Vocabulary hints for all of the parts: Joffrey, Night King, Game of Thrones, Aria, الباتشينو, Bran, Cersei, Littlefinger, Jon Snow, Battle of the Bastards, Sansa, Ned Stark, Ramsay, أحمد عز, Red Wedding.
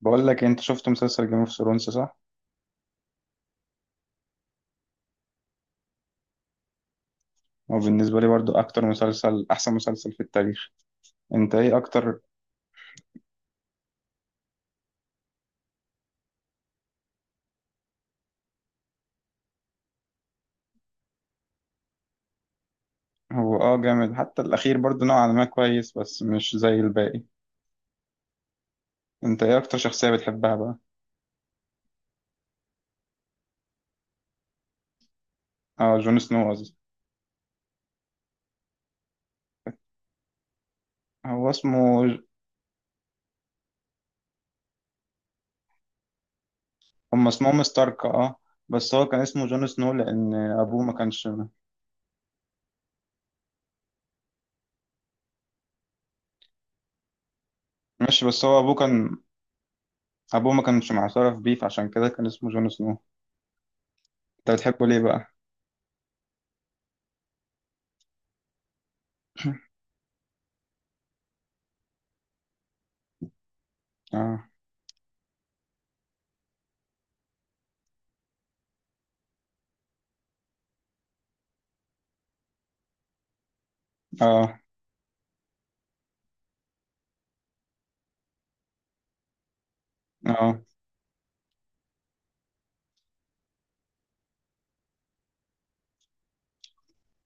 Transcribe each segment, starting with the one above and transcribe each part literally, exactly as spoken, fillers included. بقول لك انت شفت مسلسل جيم اوف ثرونز صح؟ هو بالنسبه لي برضو اكتر مسلسل، احسن مسلسل في التاريخ. انت ايه اكتر؟ هو اه جامد، حتى الاخير برضو نوعا ما كويس بس مش زي الباقي. انت ايه اكتر شخصيه بتحبها بقى؟ اه، جون سنو قصدي. هو اسمه. هم اسمهم ستارك، اه. بس هو كان اسمه جون سنو لان ابوه ما كانش. ماشي، بس هو ابوه كان. ابوه ما كانش معترف بيه فعشان كده كان اسمه جون سنو. انت بتحبه ليه بقى؟ اه. اه. اه.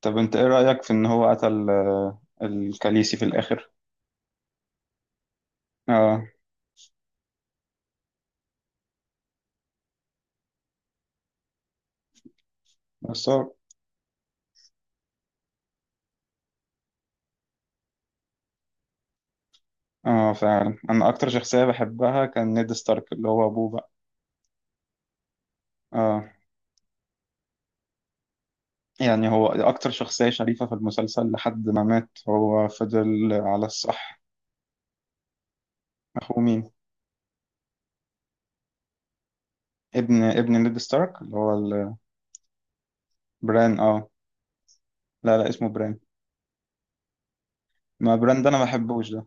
طب انت ايه رأيك في ان هو قتل، آه، الكاليسي، في الاخر؟ اه. بس هو. اه، فعلا انا اكتر شخصية بحبها كان نيد ستارك، اللي هو ابوه بقى. اه. يعني هو اكتر شخصية شريفة في المسلسل، لحد ما مات هو فضل على الصح. اخوه مين؟ ابن ابن نيد ستارك اللي هو ال-. بران، اه. لا لا، اسمه بران. ما بران ده انا ما بحبوش ده.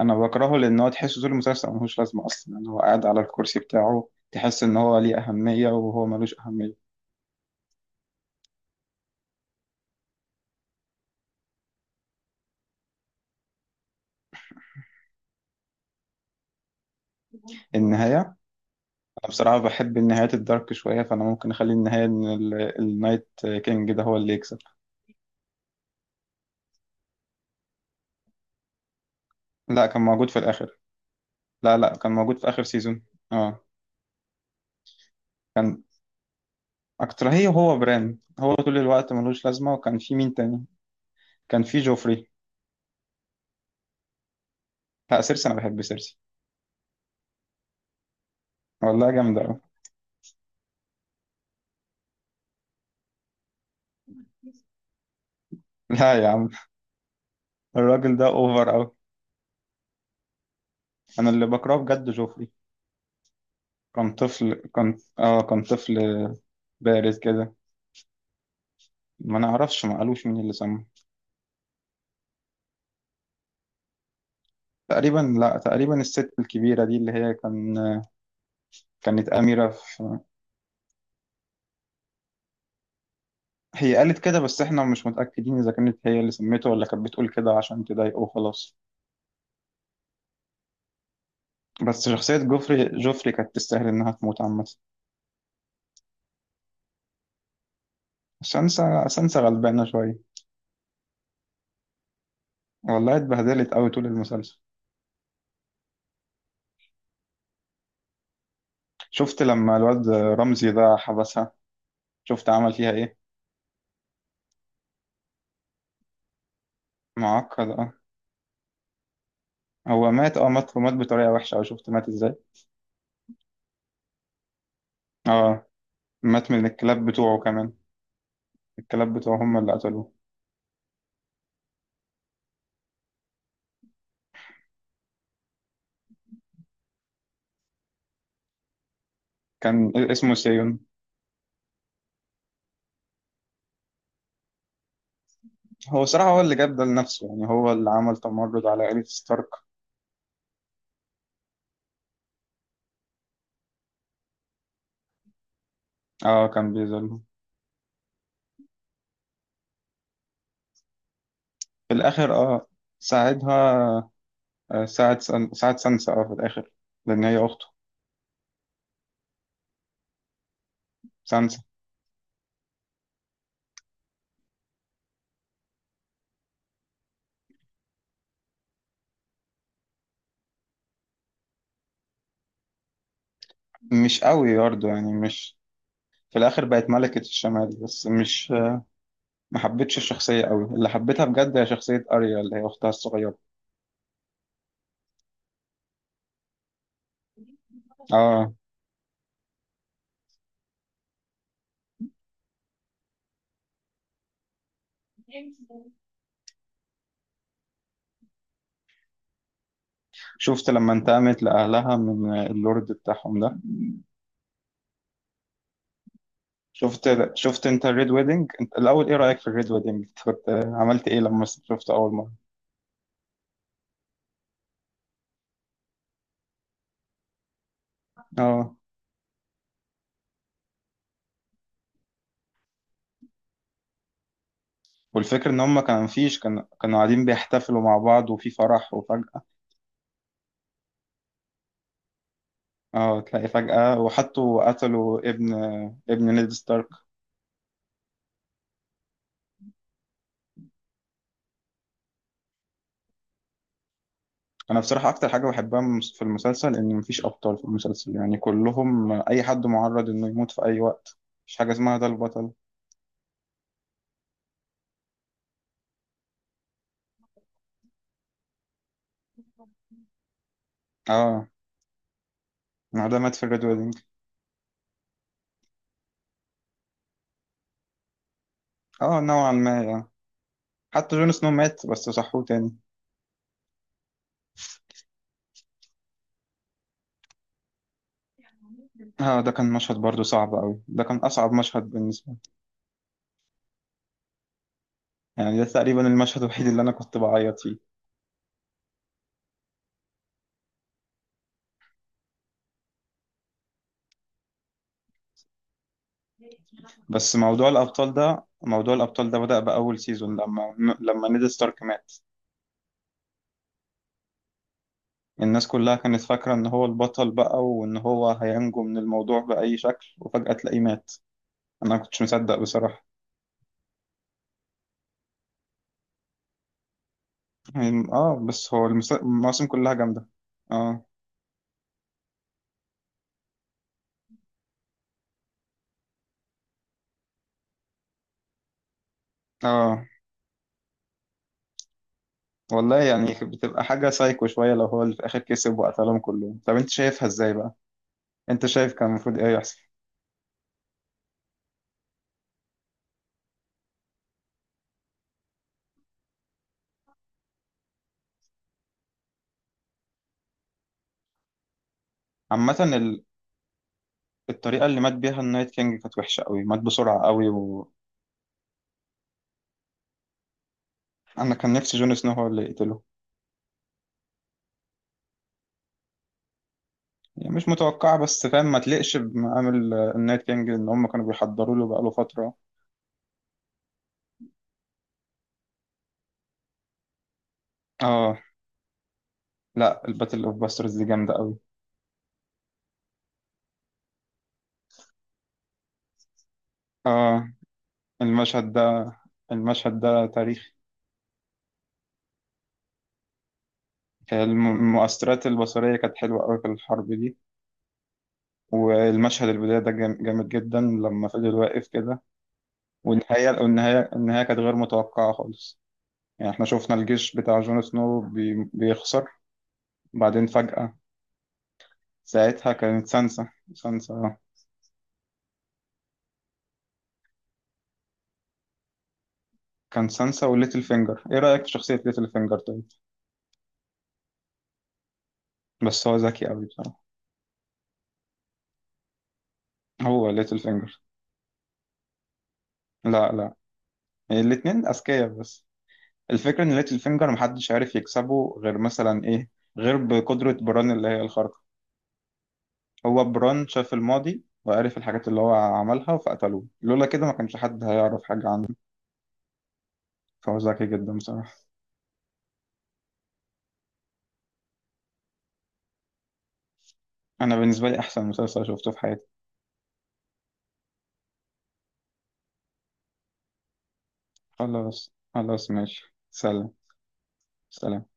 انا بكرهه لان هو تحسه طول المسلسل ملوش لازمة اصلا، يعني هو قاعد على الكرسي بتاعه تحس ان هو ليه اهمية وهو ملوش اهمية. النهاية. أنا بصراحة بحب النهايات الدارك شوية، فأنا ممكن أخلي النهاية إن ال- النايت كينج ده هو اللي يكسب. لا، كان موجود في الآخر. لا لا، كان موجود في آخر سيزون. اه. أكتر؟ هي، وهو بران هو طول الوقت ملوش لازمة، وكان في مين تاني؟ كان في جوفري. لا، سيرسي أنا بحب سيرسي. والله جامدة أوي. لا يا عم. الراجل ده أوفر أوي. أنا اللي بكرهه بجد جوفري. كان طفل كان اه كان طفل. بارز كده. ما نعرفش، ما قالوش مين اللي سمه. تقريبا، لا تقريبا الست الكبيرة دي اللي هي كان. كانت أميرة في. هي قالت كده، بس احنا مش متأكدين اذا كانت هي اللي سميته ولا كانت بتقول كده عشان تضايقه وخلاص. بس شخصية جوفري جوفري كانت تستاهل انها تموت عامة. سانسا سانسا غلبانة شوية. والله اتبهدلت قوي طول المسلسل. شفت لما الواد رمزي ده حبسها، شفت عمل فيها ايه. معقد، اه. هو مات، اه، مات مات بطريقة وحشة. او شفت مات ازاي؟ اه، مات من الكلاب بتوعه كمان. الكلاب بتوعه هم اللي قتلوه. كان اسمه سيون. هو صراحة هو اللي جاب ده لنفسه، يعني هو اللي عمل تمرد على عائلة ستارك. اه، كان بيظلم. في الاخر، اه، ساعدها. آه، ساعد سان- ساعد سانسا، اه، في الاخر. لان هي اخته. سانسا. مش قوي برضه، يعني مش. في الاخر بقت ملكة الشمال، بس مش. آه، ما حبيتش الشخصية قوي. اللي حبيتها بجد هي شخصية اريا، اللي هي اختها الصغيرة. اه. شفت لما انتقمت لأهلها من اللورد بتاعهم ده. شفت شفت انت الريد ويدنج، انت الأول ايه رأيك في الريد ويدنج، كنت عملت ايه لما شفته أول مرة؟ اه. والفكرة ان هم كان فيش كان كانوا قاعدين بيحتفلوا مع بعض وفي فرح، وفجأة. اه، تلاقي فجأة وحطوا قتلوا ابن ابن نيد ستارك. انا بصراحة اكتر حاجة بحبها مس- في المسلسل، ان مفيش ابطال في المسلسل، يعني كلهم اي حد معرض انه يموت في اي وقت. مفيش حاجة اسمها ده البطل. اه، ما ده مات في الريد ويدنج. اه، نوعا ما يعني. حتى جون سنو مات بس صحوه تاني. اه، ده كان مشهد برضو صعب قوي، ده كان اصعب مشهد بالنسبة لي. يعني ده تقريبا المشهد الوحيد اللي انا كنت بعيط فيه. بس موضوع الابطال ده، موضوع الابطال ده بدأ بأول سيزون لما لما نيد ستارك مات. الناس كلها كانت فاكرة ان هو البطل بقى، وان هو هينجو من الموضوع بأي شكل، وفجأة تلاقيه مات. انا ما كنتش مصدق بصراحة. يعني اه بس هو المس- المواسم كلها جامدة. اه. اه. والله يعني بتبقى حاجة سايكو شوية لو هو اللي في الآخر كسب وقتلهم كلهم. طب انت شايفها ازاي بقى؟ انت شايف كان المفروض ايه يحصل؟ عامة ال-. الطريقة اللي مات بيها النايت كينج كانت وحشة قوي، مات بسرعة قوي. انا كان نفسي جون سنو هو اللي يقتله. يعني مش متوقعه، بس فاهم ما تلقش بمقام النايت كينج ان هم كانوا بيحضروا له بقاله فتره. اه. لا، الباتل اوف باسترز دي جامده قوي. اه. المشهد ده المشهد ده تاريخي. الم- المؤثرات البصريه كانت حلوه قوي في الحرب دي. والمشهد البدايه ده جام- جامد جدا لما فضل واقف كده. والنهايه والنهايه النهايه كانت غير متوقعه خالص. يعني احنا شفنا الجيش بتاع جون سنو بي- بيخسر. بعدين فجاه. ساعتها كانت سانسا سانسا. كان سانسا وليتل فينجر. ايه رأيك في شخصية ليتل فينجر طيب؟ بس هو ذكي قوي بصراحة. هو ليتل فينجر. لا لا. يعني الاتنين أذكياء بس. الفكرة ان ليتل فينجر محدش عارف يكسبه غير مثلا ايه، غير بقدرة بران اللي هي الخارقة. هو بران شاف الماضي وعارف الحاجات اللي هو عملها فقتلوه، لولا كده ما كانش حد هيعرف حاجة عنه. فهو ذكي جدا بصراحة. أنا بالنسبة لي أحسن مسلسل شفته في حياتي. خلاص خلاص، ماشي سلام. سلام.